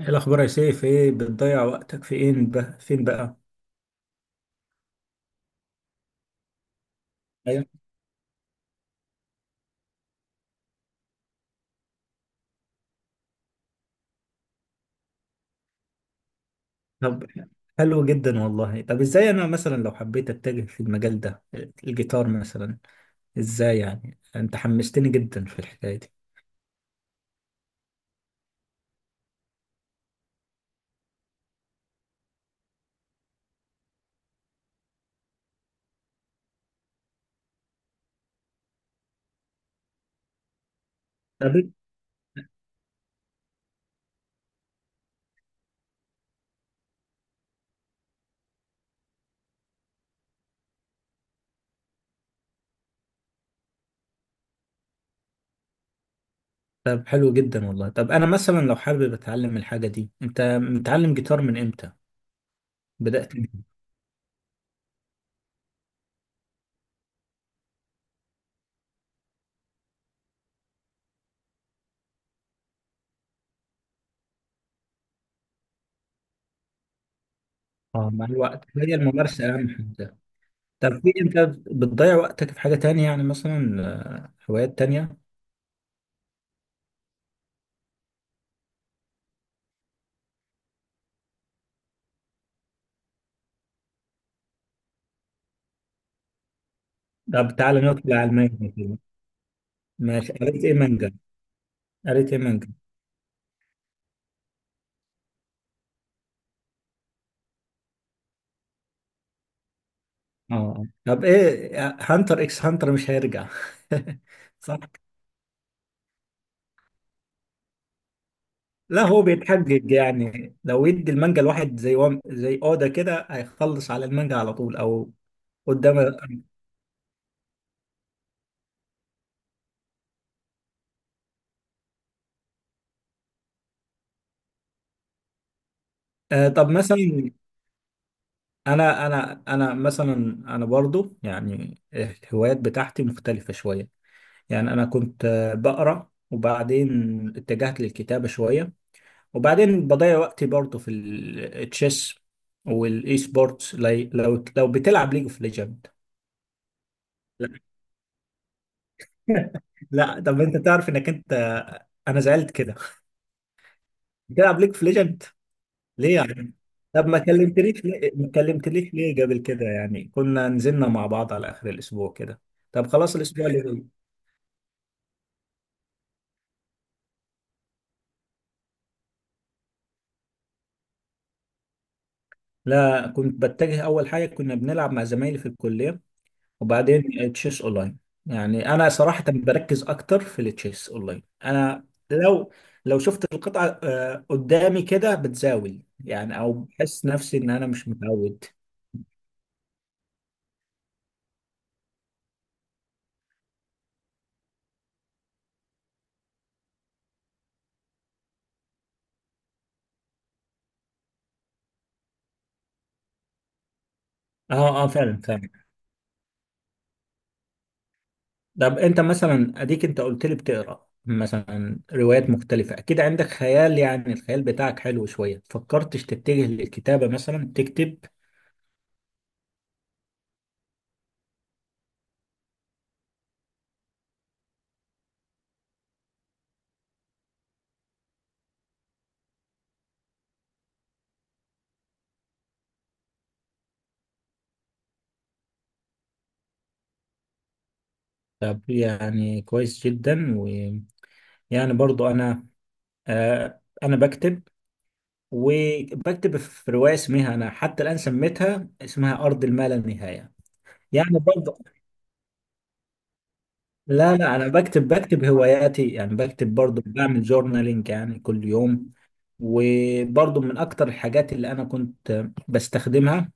ايه الاخبار يا سيف؟ ايه بتضيع وقتك في ايه بقى؟ فين بقى؟ ايوه. طب حلو جدا والله. طب ازاي انا مثلا لو حبيت اتجه في المجال ده، الجيتار مثلا؟ ازاي يعني؟ انت حمستني جدا في الحكايه دي. طب طب حلو جدا والله. طب انا مثلا لو حابب اتعلم الحاجه دي، انت متعلم جيتار من امتى؟ بدات من- اه، مع الوقت. هي الممارسه اهم حاجه. طب في انت بتضيع وقتك في حاجه تانية؟ يعني مثلا هوايات تانية؟ طب تعالى ندخل على المانجا كده. ماشي، قريت ايه مانجا؟ قريت إيه منك؟ اه، آه. طب ايه، هانتر اكس هانتر مش هيرجع؟ صح؟ لا، هو بيتحجج. يعني لو يدي المانجا الواحد زي اودا كده، هيخلص على المانجا على طول او قدام. طب مثلا، انا مثلا، انا برضو يعني الهوايات بتاعتي مختلفة شوية. يعني انا كنت بقرا، وبعدين اتجهت للكتابة شوية، وبعدين بضيع وقتي برضه في التشيس والاي سبورتس. لو بتلعب ليج اوف ليجند. لا. لا، طب انت تعرف انك انت، انا زعلت كده، بتلعب ليج اوف ليجند؟ ليه يعني؟ طب ما كلمتنيش ليه، ما كلمتنيش ليه قبل كده؟ يعني كنا نزلنا مع بعض على اخر الاسبوع كده. طب خلاص، الاسبوع اللي جاي. لا، كنت بتجه. اول حاجه كنا بنلعب مع زمايلي في الكليه، وبعدين تشيس اونلاين. يعني انا صراحة بركز اكتر في التشيس اونلاين. انا لو شفت القطعة قدامي كده بتزاول يعني، او بحس نفسي ان انا مش متعود. اه اه، فعلا فعلا. طب انت مثلا، اديك انت قلت لي بتقرا مثلا روايات مختلفة، اكيد عندك خيال. يعني الخيال بتاعك حلو شوية، فكرتش تتجه للكتابة مثلا، تكتب؟ طب يعني كويس جدا، ويعني برضو انا، انا بكتب، وبكتب في رواية اسمها، أنا حتى الآن سميتها اسمها أرض الما لا نهاية. يعني برضه، لا لا، أنا بكتب، هواياتي. يعني بكتب برضه، بعمل جورنالينج يعني كل يوم. وبرضه من أكتر الحاجات اللي أنا كنت بستخدمها،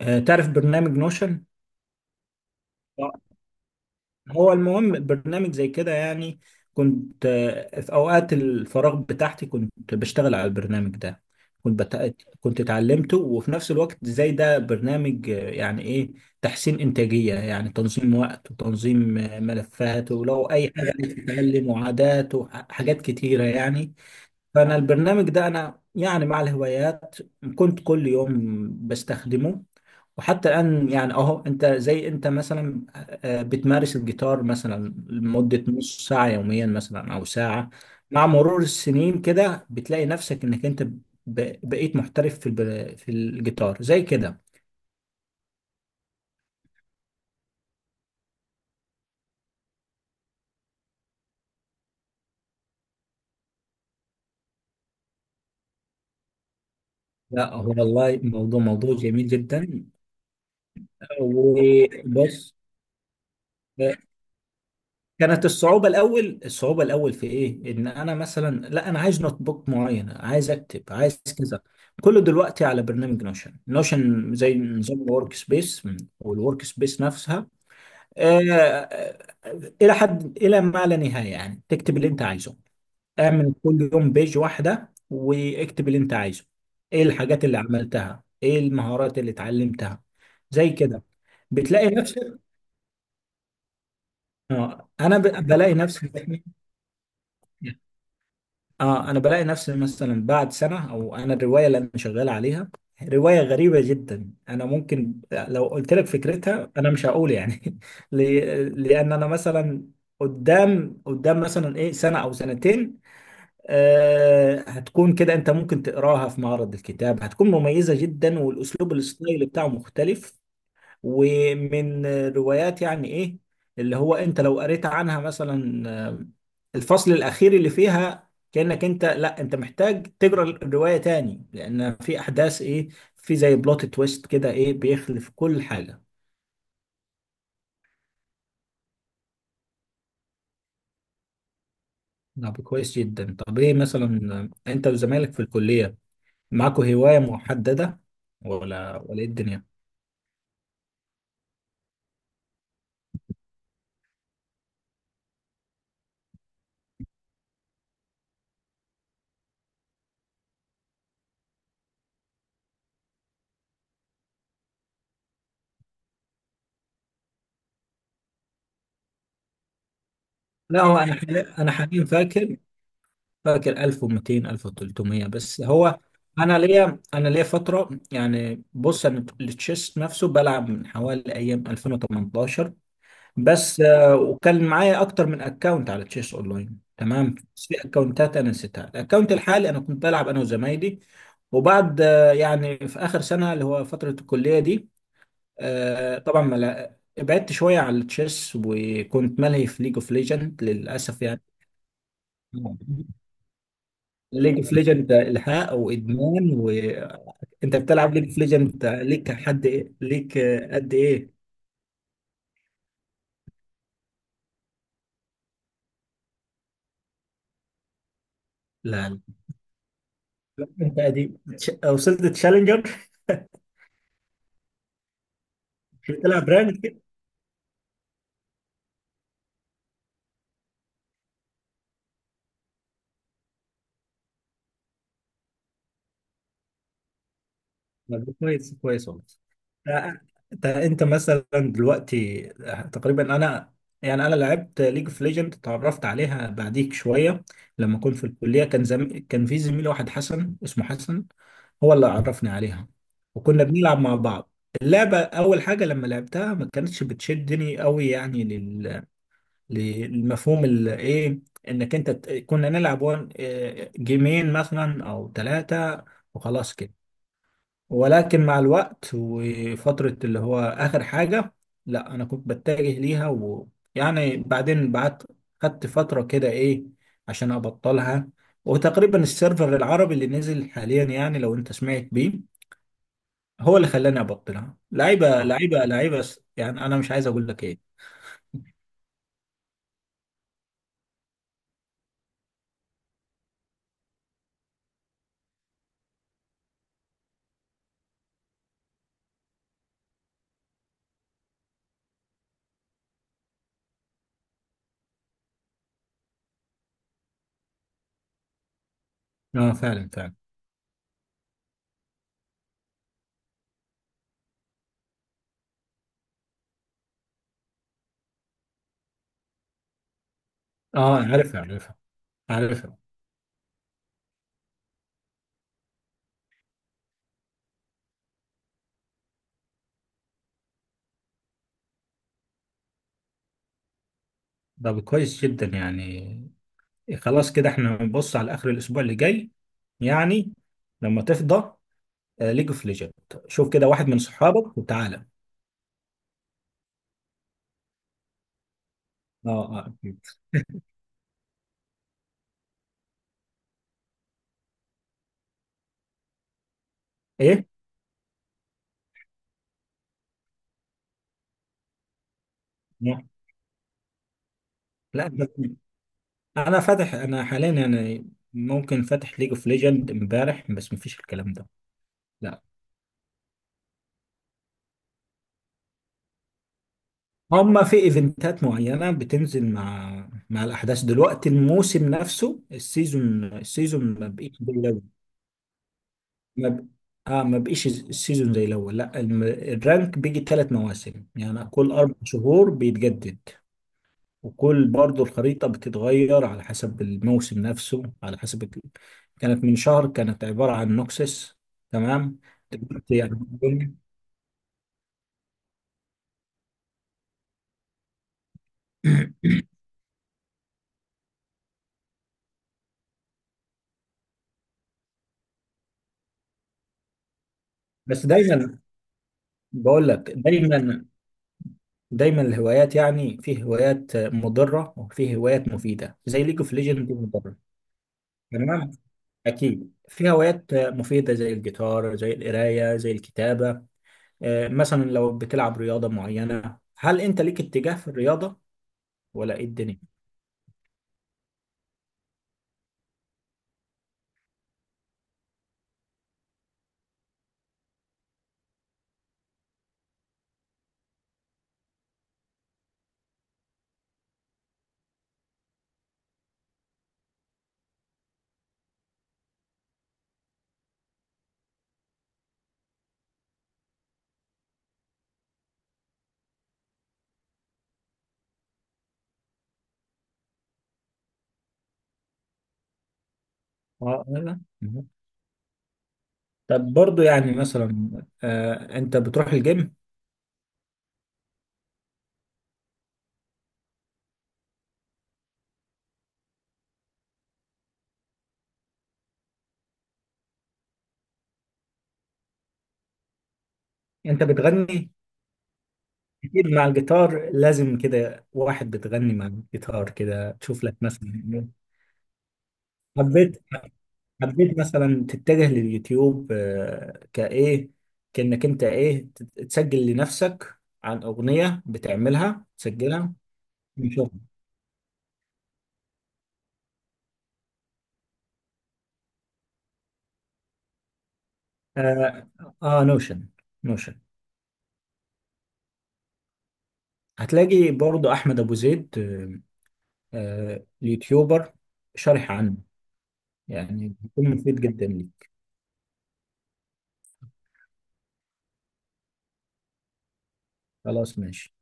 تعرف برنامج نوشن؟ هو المهم برنامج زي كده يعني. كنت في اوقات الفراغ بتاعتي كنت بشتغل على البرنامج ده. كنت اتعلمته، وفي نفس الوقت زي ده برنامج يعني ايه، تحسين انتاجية. يعني تنظيم وقت، وتنظيم ملفات، ولو اي حاجة عايز تتعلم، وعادات، وحاجات كتيرة يعني. فانا البرنامج ده، انا يعني مع الهوايات كنت كل يوم بستخدمه. وحتى الآن يعني أهو. أنت زي أنت مثلا، بتمارس الجيتار مثلا لمدة نص ساعة يوميا، مثلا أو ساعة. مع مرور السنين كده بتلاقي نفسك إنك أنت بقيت محترف في في الجيتار زي كده. لا، هو والله موضوع جميل جدا. وبص، كانت الصعوبة الأول، الصعوبة الأول في إيه؟ إن أنا مثلا، لا، أنا عايز نوت بوك معين، عايز أكتب، عايز كذا. كله دلوقتي على برنامج نوشن. نوشن زي نظام الورك سبيس، والورك سبيس نفسها آه، آه، إلى حد، إلى ما لا نهاية. يعني تكتب اللي أنت عايزه. اعمل كل يوم بيج واحدة، واكتب اللي أنت عايزه، إيه الحاجات اللي عملتها، إيه المهارات اللي اتعلمتها، زي كده. بتلاقي نفسك، أنا بلاقي نفسي، اه انا بلاقي نفسي مثلا بعد سنه او. انا الروايه اللي انا شغال عليها، روايه غريبه جدا. انا ممكن لو قلت لك فكرتها، انا مش هقول يعني لان انا مثلا قدام مثلا ايه، سنه او سنتين، آه هتكون كده. انت ممكن تقراها في معرض الكتاب، هتكون مميزه جدا. والاسلوب، الستايل بتاعه مختلف ومن روايات يعني ايه، اللي هو انت لو قريت عنها مثلا آه، الفصل الاخير اللي فيها، كأنك انت، لا انت محتاج تقرا الرواية تاني، لان في احداث ايه، في زي بلوت تويست كده، ايه، بيخلف كل حاجة. طب كويس جدا. طب ايه مثلا، انت وزمايلك في الكلية معاكوا هواية محددة ولا ايه الدنيا؟ لا، هو انا حاليا، انا حاليا فاكر، 1200 1300، بس هو. انا ليا، انا ليا فتره يعني. بص انا التشيس نفسه بلعب من حوالي ايام 2018. بس وكان معايا اكتر من اكونت على تشيس اونلاين، تمام. بس في اكونتات انا نسيتها. الاكونت الحالي انا كنت بلعب انا وزمايلي. وبعد يعني في اخر سنه، اللي هو فتره الكليه دي، طبعا ما لا- ابعدت شويه عن التشيس، وكنت ملهي في ليج اوف ليجند للاسف يعني. ليج اوف ليجند الحاق وادمان. وانت بتلعب ليج اوف ليجند، ليك قد ايه؟ لا لا. انت قديم، وصلت تشالنجر؟ بتلعب رانك؟ طب كويس كويس والله. آه، انت مثلا دلوقتي، تقريبا انا يعني، انا لعبت ليج اوف ليجند، اتعرفت عليها بعديك شويه. لما كنت في الكليه كان كان في زميل واحد حسن، اسمه حسن، هو اللي عرفني عليها، وكنا بنلعب مع بعض. اللعبه اول حاجه لما لعبتها، ما كانتش بتشدني قوي يعني، للمفهوم ايه، انك انت كنا نلعب جيمين مثلا او ثلاثه، وخلاص كده. ولكن مع الوقت، وفترة اللي هو آخر حاجة، لا أنا كنت بتجه ليها. ويعني بعدين، خدت فترة كده إيه، عشان أبطلها. وتقريبا السيرفر العربي اللي نزل حاليا، يعني لو أنت سمعت بيه، هو اللي خلاني أبطلها. لعيبة آه. لعيبة يعني أنا مش عايز أقول لك إيه. آه، فعلا فعلا. آه، عارفها عارفها عارفها. طب كويس جدا يعني. خلاص كده إحنا بنبص على آخر الأسبوع اللي جاي، يعني لما تفضى، ليج اوف ليجند. شوف كده واحد من صحابك وتعالى. اه اه، أكيد. ايه. نعم. لا بس، انا فاتح، انا حاليا يعني ممكن فاتح ليج اوف ليجند امبارح، بس مفيش الكلام ده. لا، هما في ايفنتات معينة بتنزل مع مع الاحداث. دلوقتي الموسم نفسه، السيزون، ما بقيش زي الاول. ما ب... اه، ما بقيش السيزون زي الاول. لا الرانك بيجي ثلاث مواسم، يعني كل اربع شهور بيتجدد. وكل برضو الخريطة بتتغير على حسب الموسم نفسه، على حسب كانت من شهر، كانت عبارة عن نوكسس. تمام. دلوقتي يعني بس دايما بقول لك، دايما دايما الهوايات يعني، في هوايات مضرة وفي هوايات مفيدة، زي ليج اوف ليجند دي، مضرة. تمام. أكيد في هوايات مفيدة زي الجيتار، زي القراية، زي الكتابة. مثلا لو بتلعب رياضة معينة، هل أنت ليك اتجاه في الرياضة ولا إيه الدنيا؟ اه. لا. طب برضو يعني مثلا، انت بتروح الجيم؟ انت بتغني؟ اكيد، مع الجيتار لازم كده واحد بتغني. مع الجيتار كده تشوف لك مثلا، حبيت حبيت مثلا تتجه لليوتيوب كايه، كانك انت ايه تسجل لنفسك، عن اغنية بتعملها تسجلها؟ نشوف. اه، آه نوشن. نوشن. هتلاقي برضو احمد ابو زيد، يوتيوبر شارح عنه. يعني بيكون مفيد جدا ليك. خلاص، ماشي.